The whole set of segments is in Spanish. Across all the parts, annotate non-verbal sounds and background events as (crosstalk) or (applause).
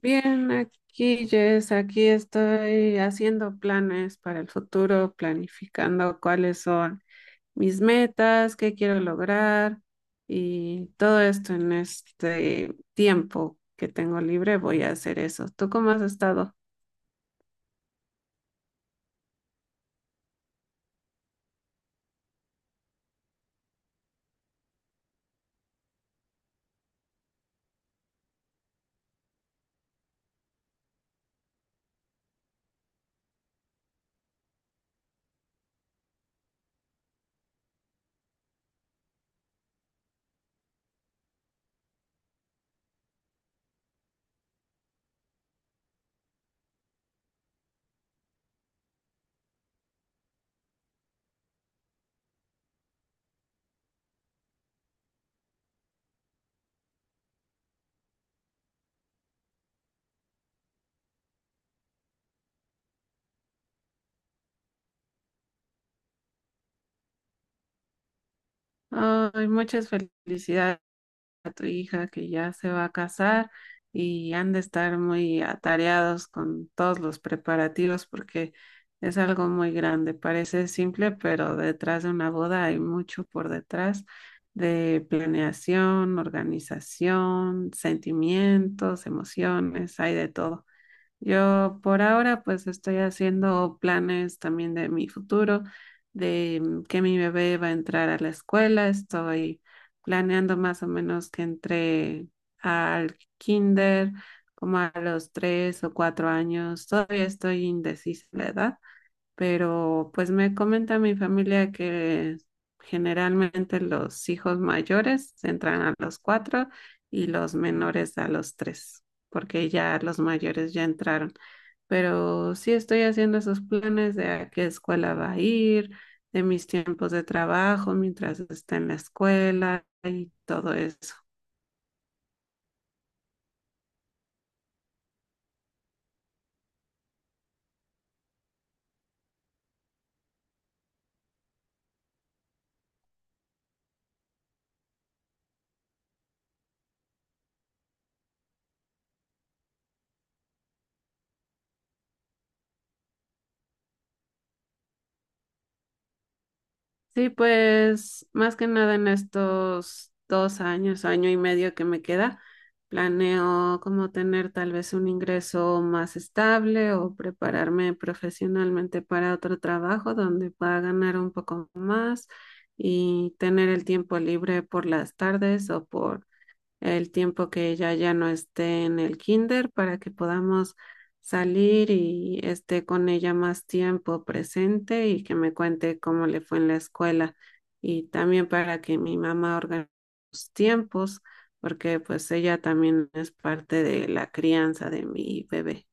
Bien, aquí Jess, aquí estoy haciendo planes para el futuro, planificando cuáles son mis metas, qué quiero lograr y todo esto en este tiempo que tengo libre voy a hacer eso. ¿Tú cómo has estado? Ay, muchas felicidades. A tu hija que ya se va a casar y han de estar muy atareados con todos los preparativos porque es algo muy grande. Parece simple, pero detrás de una boda hay mucho por detrás de planeación, organización, sentimientos, emociones, hay de todo. Yo por ahora pues estoy haciendo planes también de mi futuro, de que mi bebé va a entrar a la escuela. Estoy planeando más o menos que entre al kinder como a los 3 o 4 años. Todavía estoy indecisa de la edad, pero pues me comenta mi familia que generalmente los hijos mayores entran a los cuatro y los menores a los tres, porque ya los mayores ya entraron. Pero sí estoy haciendo esos planes de a qué escuela va a ir, de mis tiempos de trabajo mientras está en la escuela y todo eso. Sí, pues más que nada en estos 2 años, año y medio que me queda, planeo como tener tal vez un ingreso más estable o prepararme profesionalmente para otro trabajo donde pueda ganar un poco más y tener el tiempo libre por las tardes o por el tiempo que ella ya no esté en el kinder para que podamos salir y esté con ella más tiempo presente y que me cuente cómo le fue en la escuela y también para que mi mamá organice los tiempos porque pues ella también es parte de la crianza de mi bebé.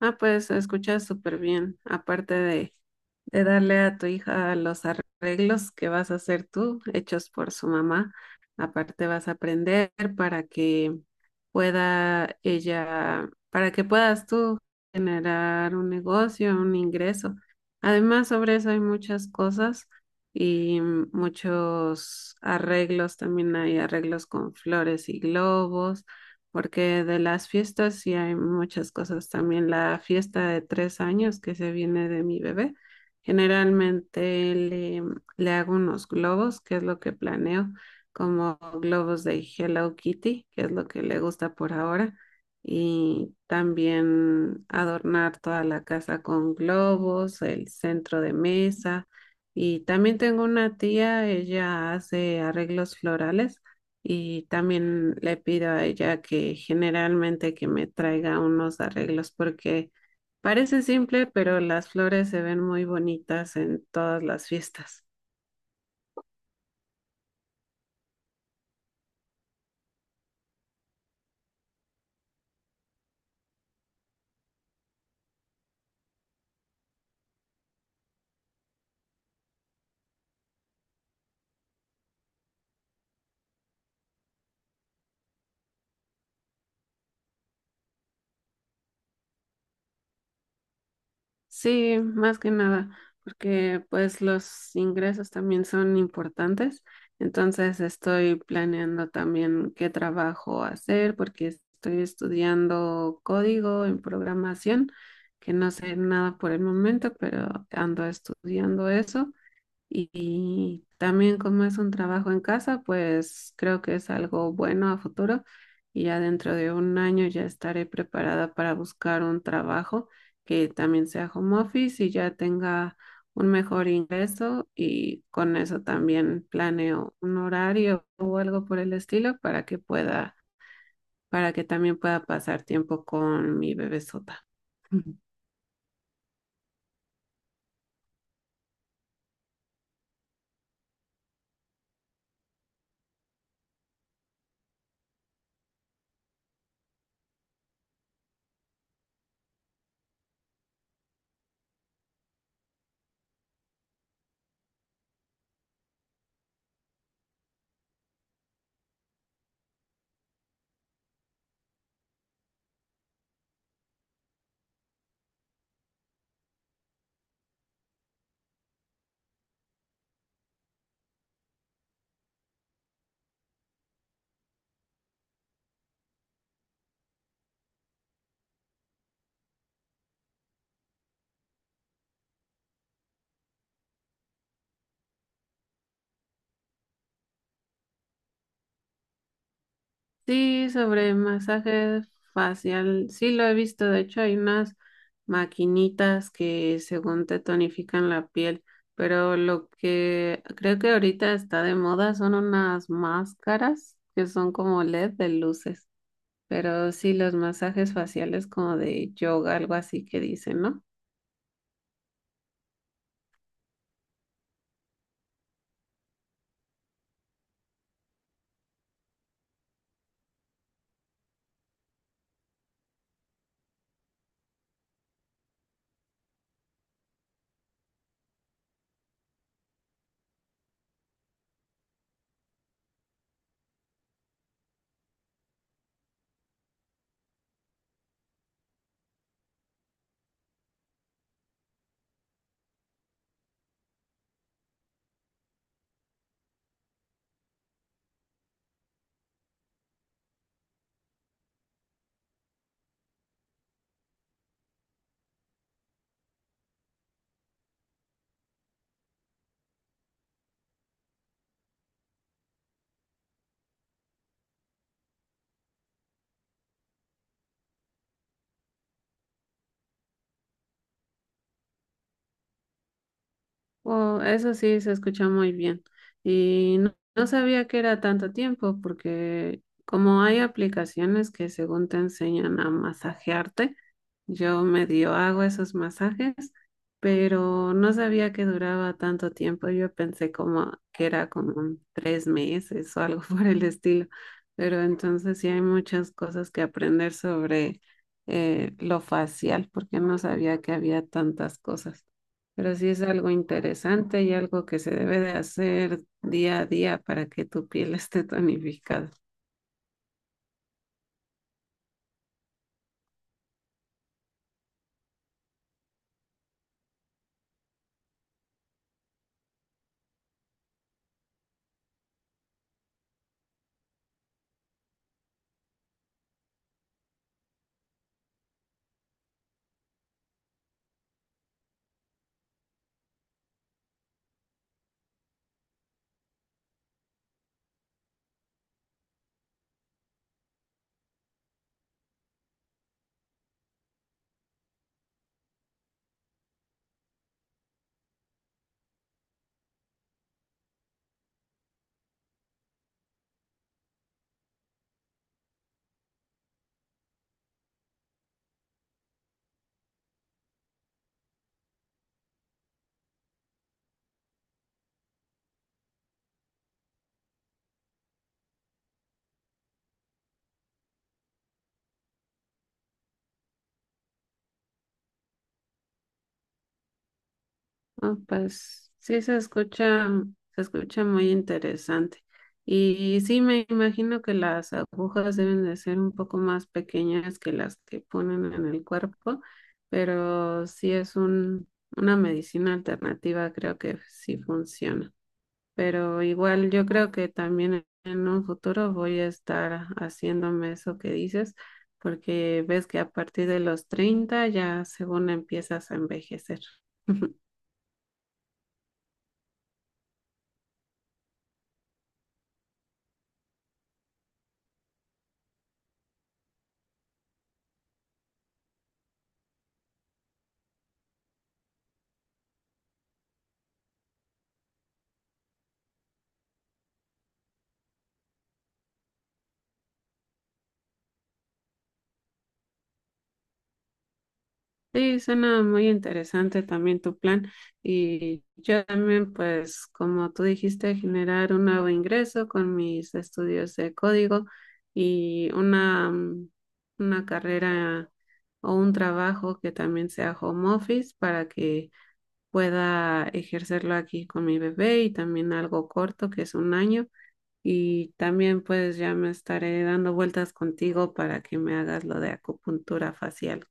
Ah, pues se escucha súper bien. Aparte de darle a tu hija los arreglos que vas a hacer tú, hechos por su mamá, aparte vas a aprender para que pueda ella, para que puedas tú generar un negocio, un ingreso. Además, sobre eso hay muchas cosas y muchos arreglos. También hay arreglos con flores y globos porque de las fiestas sí hay muchas cosas. También la fiesta de 3 años que se viene de mi bebé, generalmente le hago unos globos, que es lo que planeo, como globos de Hello Kitty, que es lo que le gusta por ahora. Y también adornar toda la casa con globos, el centro de mesa. Y también tengo una tía, ella hace arreglos florales y también le pido a ella que generalmente que me traiga unos arreglos porque parece simple, pero las flores se ven muy bonitas en todas las fiestas. Sí, más que nada, porque pues los ingresos también son importantes. Entonces estoy planeando también qué trabajo hacer porque estoy estudiando código en programación, que no sé nada por el momento, pero ando estudiando eso. Y también como es un trabajo en casa, pues creo que es algo bueno a futuro y ya dentro de un año ya estaré preparada para buscar un trabajo que también sea home office y ya tenga un mejor ingreso y con eso también planeo un horario o algo por el estilo para que pueda, para que también pueda pasar tiempo con mi bebesota. (laughs) Sí, sobre masaje facial, sí lo he visto. De hecho, hay unas maquinitas que según te tonifican la piel, pero lo que creo que ahorita está de moda son unas máscaras que son como LED de luces. Pero sí, los masajes faciales como de yoga, algo así que dicen, ¿no? Oh, eso sí, se escucha muy bien. Y no, no sabía que era tanto tiempo, porque como hay aplicaciones que según te enseñan a masajearte, yo medio hago esos masajes, pero no sabía que duraba tanto tiempo. Yo pensé como que era como un 3 meses o algo (laughs) por el estilo. Pero entonces sí hay muchas cosas que aprender sobre lo facial, porque no sabía que había tantas cosas. Pero sí es algo interesante y algo que se debe de hacer día a día para que tu piel (laughs) esté tonificada. Ah, pues sí se escucha muy interesante. Y sí me imagino que las agujas deben de ser un poco más pequeñas que las que ponen en el cuerpo, pero sí es un, una medicina alternativa, creo que sí funciona. Pero igual yo creo que también en un futuro voy a estar haciéndome eso que dices, porque ves que a partir de los 30 ya según empiezas a envejecer. (laughs) Sí, suena muy interesante también tu plan y yo también pues como tú dijiste generar un nuevo ingreso con mis estudios de código y una carrera o un trabajo que también sea home office para que pueda ejercerlo aquí con mi bebé y también algo corto que es un año y también pues ya me estaré dando vueltas contigo para que me hagas lo de acupuntura facial.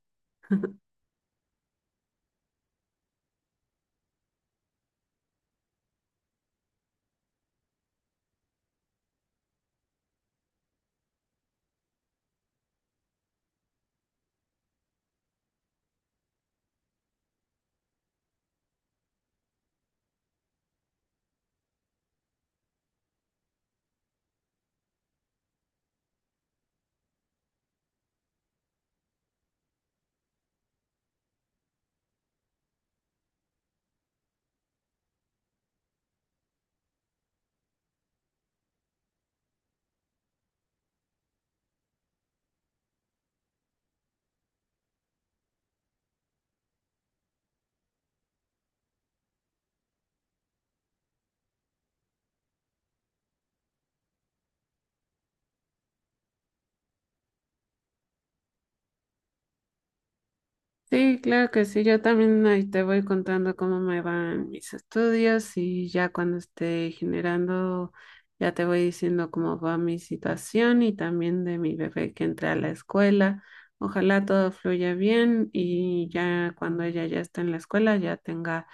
Sí, claro que sí. Yo también ahí te voy contando cómo me van mis estudios y ya cuando esté generando, ya te voy diciendo cómo va mi situación y también de mi bebé que entra a la escuela. Ojalá todo fluya bien y ya cuando ella ya esté en la escuela ya tenga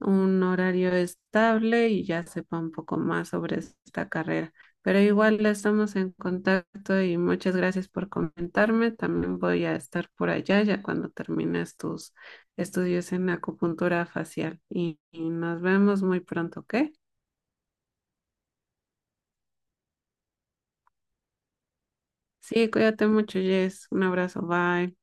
un horario estable y ya sepa un poco más sobre esta carrera. Pero igual estamos en contacto y muchas gracias por comentarme. También voy a estar por allá ya cuando termines tus estudios en acupuntura facial. Y nos vemos muy pronto, ¿ok? Sí, cuídate mucho, Jess. Un abrazo, bye.